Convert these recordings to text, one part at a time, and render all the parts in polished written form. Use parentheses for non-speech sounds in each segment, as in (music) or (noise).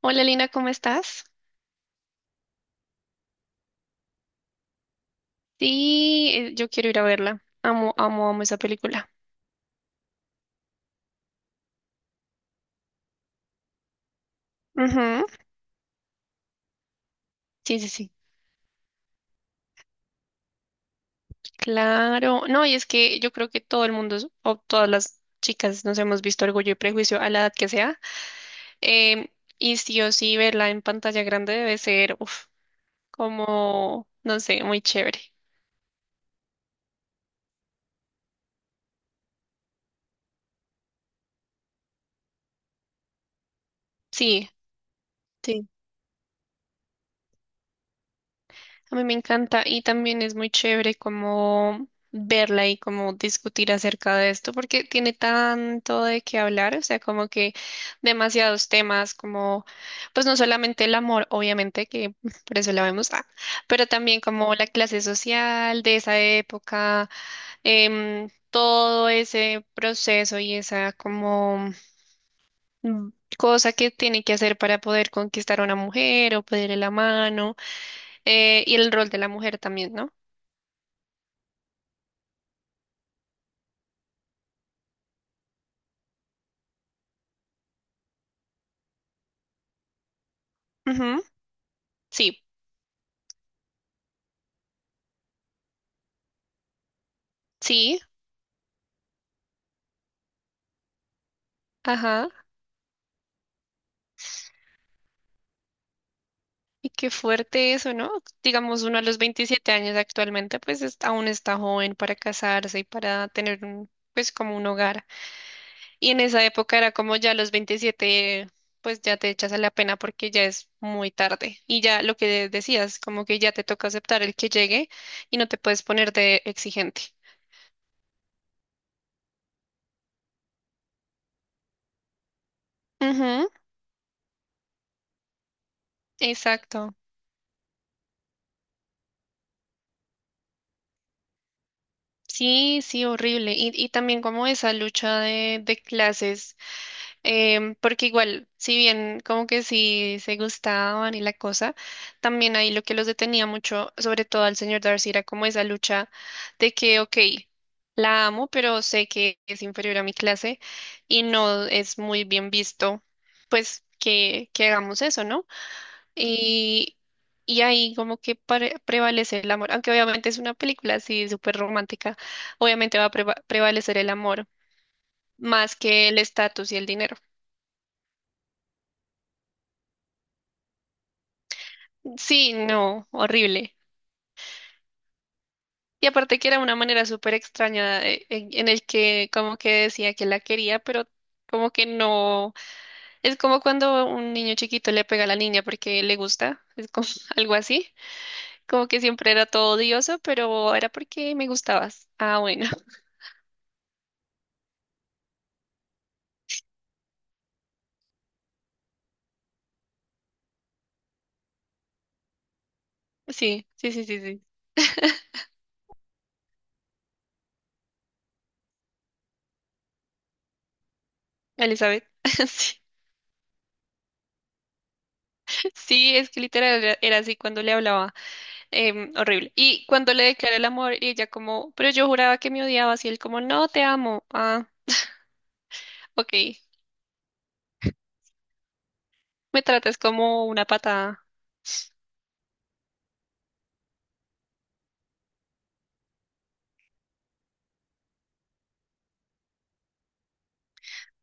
Hola Lina, ¿cómo estás? Sí, yo quiero ir a verla. Amo, amo, amo esa película. Ujú. Sí, sí, sí. Claro. No, y es que yo creo que todo el mundo, o todas las chicas, nos hemos visto Orgullo y Prejuicio a la edad que sea. Em, y sí o sí, verla en pantalla grande debe ser, uf, como, no sé, muy chévere. Sí, sí. A mí me encanta y también es muy chévere como verla y como discutir acerca de esto porque tiene tanto de qué hablar, o sea, como que demasiados temas como pues no solamente el amor, obviamente que (laughs) por eso la vemos, ah, pero también como la clase social de esa época, todo ese proceso y esa como mm, cosa que tiene que hacer para poder conquistar a una mujer o pedirle la mano, y el rol de la mujer también, ¿no? Ujú. Sí, sí, ajá. Y qué fuerte eso, ¿no? Digamos, uno a los 27 años actualmente, pues es- aún está joven para casarse y para tener un, pues como un hogar. Y en esa época era como ya a los 27 pues ya te echas a la pena porque ya es muy tarde. Y ya lo que decías, como que ya te toca aceptar el que llegue y no te puedes poner de exigente. Ujú. Exacto. Sí, sí, horrible. Y también como esa lucha de clases, porque igual, si bien como que sí se gustaban y la cosa, también ahí lo que los detenía mucho, sobre todo al señor Darcy, era como esa lucha de que, ok, la amo, pero sé que es inferior a mi clase y no es muy bien visto, pues que hagamos eso, ¿no? Y, y ahí como que pare- prevalece el amor, aunque obviamente es una película así súper romántica, obviamente va a preva- prevalecer el amor más que el estatus y el dinero. Sí, no, horrible. Y aparte que era una manera súper extraña en el que como que decía que la quería, pero como que no. Es como cuando un niño chiquito le pega a la niña porque le gusta, es como (laughs) algo así, como que siempre era todo odioso, pero era porque me gustabas. Ah, bueno, (laughs) sí, sí, sí, sí, sí. Elizabeth, (laughs) sí, sí, es que literal era, era así cuando le hablaba, horrible. Y cuando le declaré el amor, y ella como, pero yo juraba que me odiabas, y él como, no, te amo. Ah, ok, me tratas como una patada.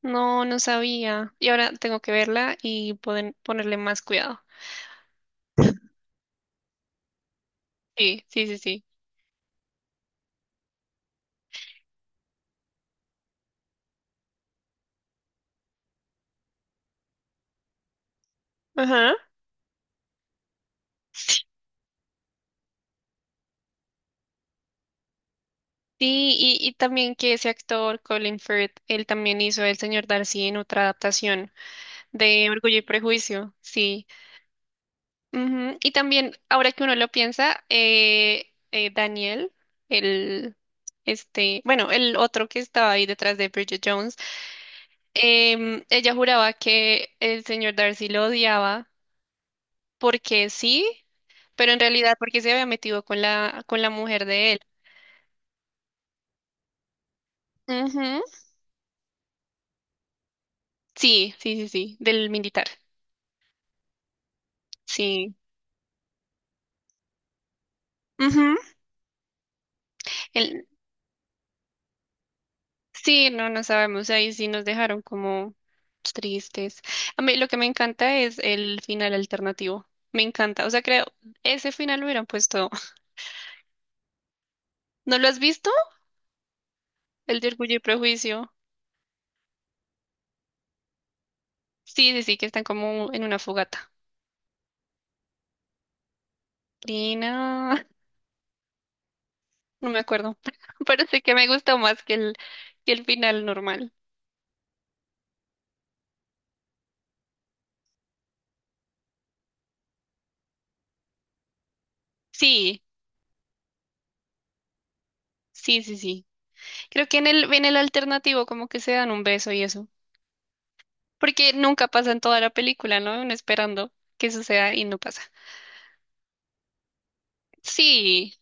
No, no sabía. Y ahora tengo que verla y poder ponerle más cuidado. Sí, sí, sí, sí. Ajá. Sí, y también que ese actor, Colin Firth, él también hizo El Señor Darcy en otra adaptación de Orgullo y Prejuicio. Sí. Ujú. Y también, ahora que uno lo piensa, Daniel, el, este, bueno, el otro que estaba ahí detrás de Bridget Jones, ella juraba que el señor Darcy lo odiaba porque sí, pero en realidad porque se había metido con la mujer de él. Ujú. Sí, sí, sí, sí, del militar. Sí. Ujú, el- sí, no, no sabemos, ahí sí nos dejaron como tristes. A mí lo que me encanta es el final alternativo, me encanta, o sea, creo, ese final lo hubieran puesto. (laughs) ¿No lo has visto? El de Orgullo y Prejuicio. Sí, sí, sí, que están como en una fogata. Lina, no (laughs) no me acuerdo, (laughs) pero sí que me gustó más que el final normal. Sí, sí, sí, sí. Creo que en el alternativo como que se dan un beso y eso, porque nunca pasa en toda la película, ¿no? Uno esperando que suceda y no pasa. Sí,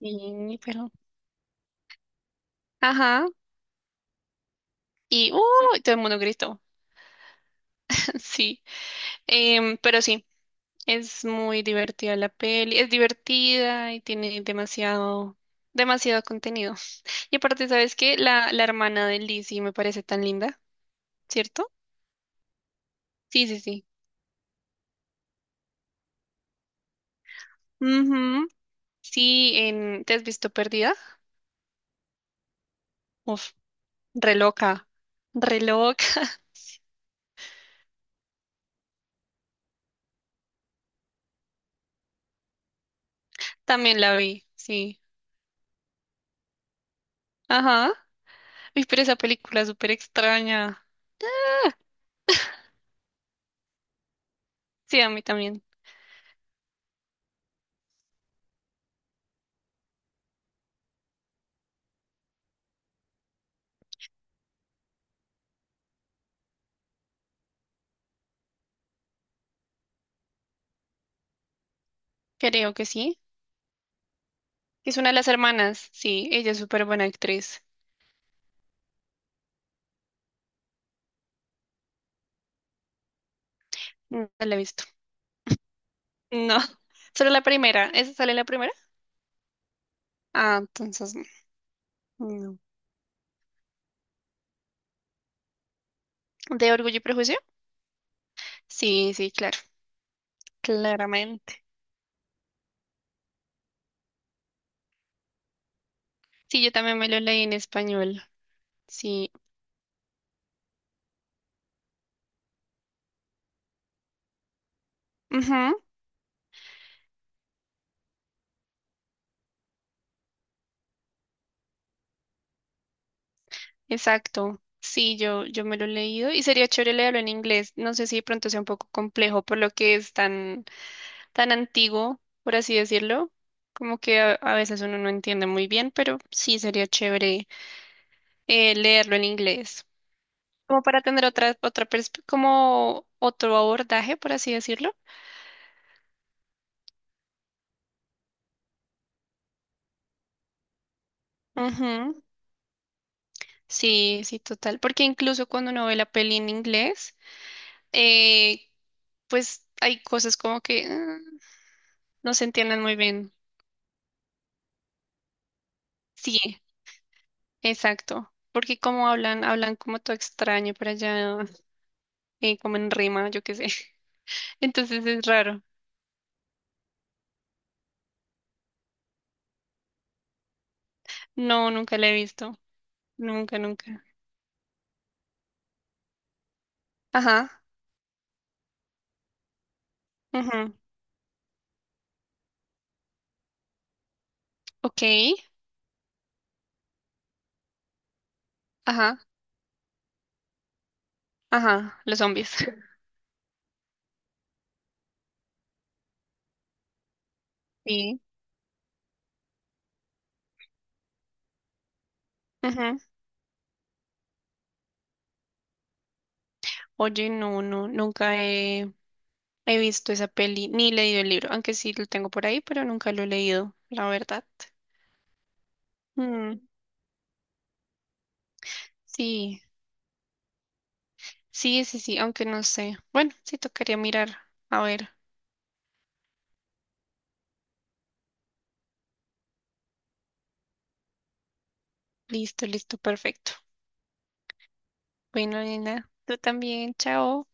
y, pero, ajá, y, uy, todo el mundo gritó, (laughs) sí. Pero sí, es muy divertida la peli, es divertida y tiene demasiado, demasiado contenido. Y aparte, ¿sabes qué? La hermana de Lizzie me parece tan linda, ¿cierto? Sí, sí, sí. Ujú. Sí, en, ¿te has visto Perdida? Uf, re loca, re loca, (laughs) también la vi, sí, ajá. Uy, pero esa película es súper extraña, sí, a mí también. Creo que sí. Es una de las hermanas. Sí, ella es súper buena actriz. No la he visto. No, (laughs) solo la primera. ¿Esa sale la primera? Ah, entonces no. ¿De Orgullo y Prejuicio? Sí, sí, claro. Claramente. Sí, yo también me lo leí en español. Sí. Ujú, exacto. Sí, yo me lo he leído y sería chévere leerlo en inglés. No sé si de pronto sea un poco complejo por lo que es tan, tan antiguo, por así decirlo. Como que a veces uno no entiende muy bien, pero sí sería chévere leerlo en inglés, como para tener otra, otra perspe- como otro abordaje, por así decirlo. Ujú. Sí, sí, total, porque incluso cuando uno ve la peli en inglés, eh, pues hay cosas como que ah, no se entienden muy bien. Sí, exacto, porque como hablan, hablan como todo extraño para allá, como en rima, yo qué sé. (laughs) Entonces es raro. No, nunca la he visto, nunca, nunca. Ajá, ujú. Ok, ajá. Ajá, los zombies. (laughs) Sí. Ujú. Oye, no, no, nunca he, he visto esa peli ni leído el libro, aunque sí lo tengo por ahí, pero nunca lo he leído, la verdad. Mm, sí, sí, sí, sí, aunque no sé. Bueno, sí tocaría mirar. A ver, listo, listo, perfecto. Bueno, nena, tú también, chao.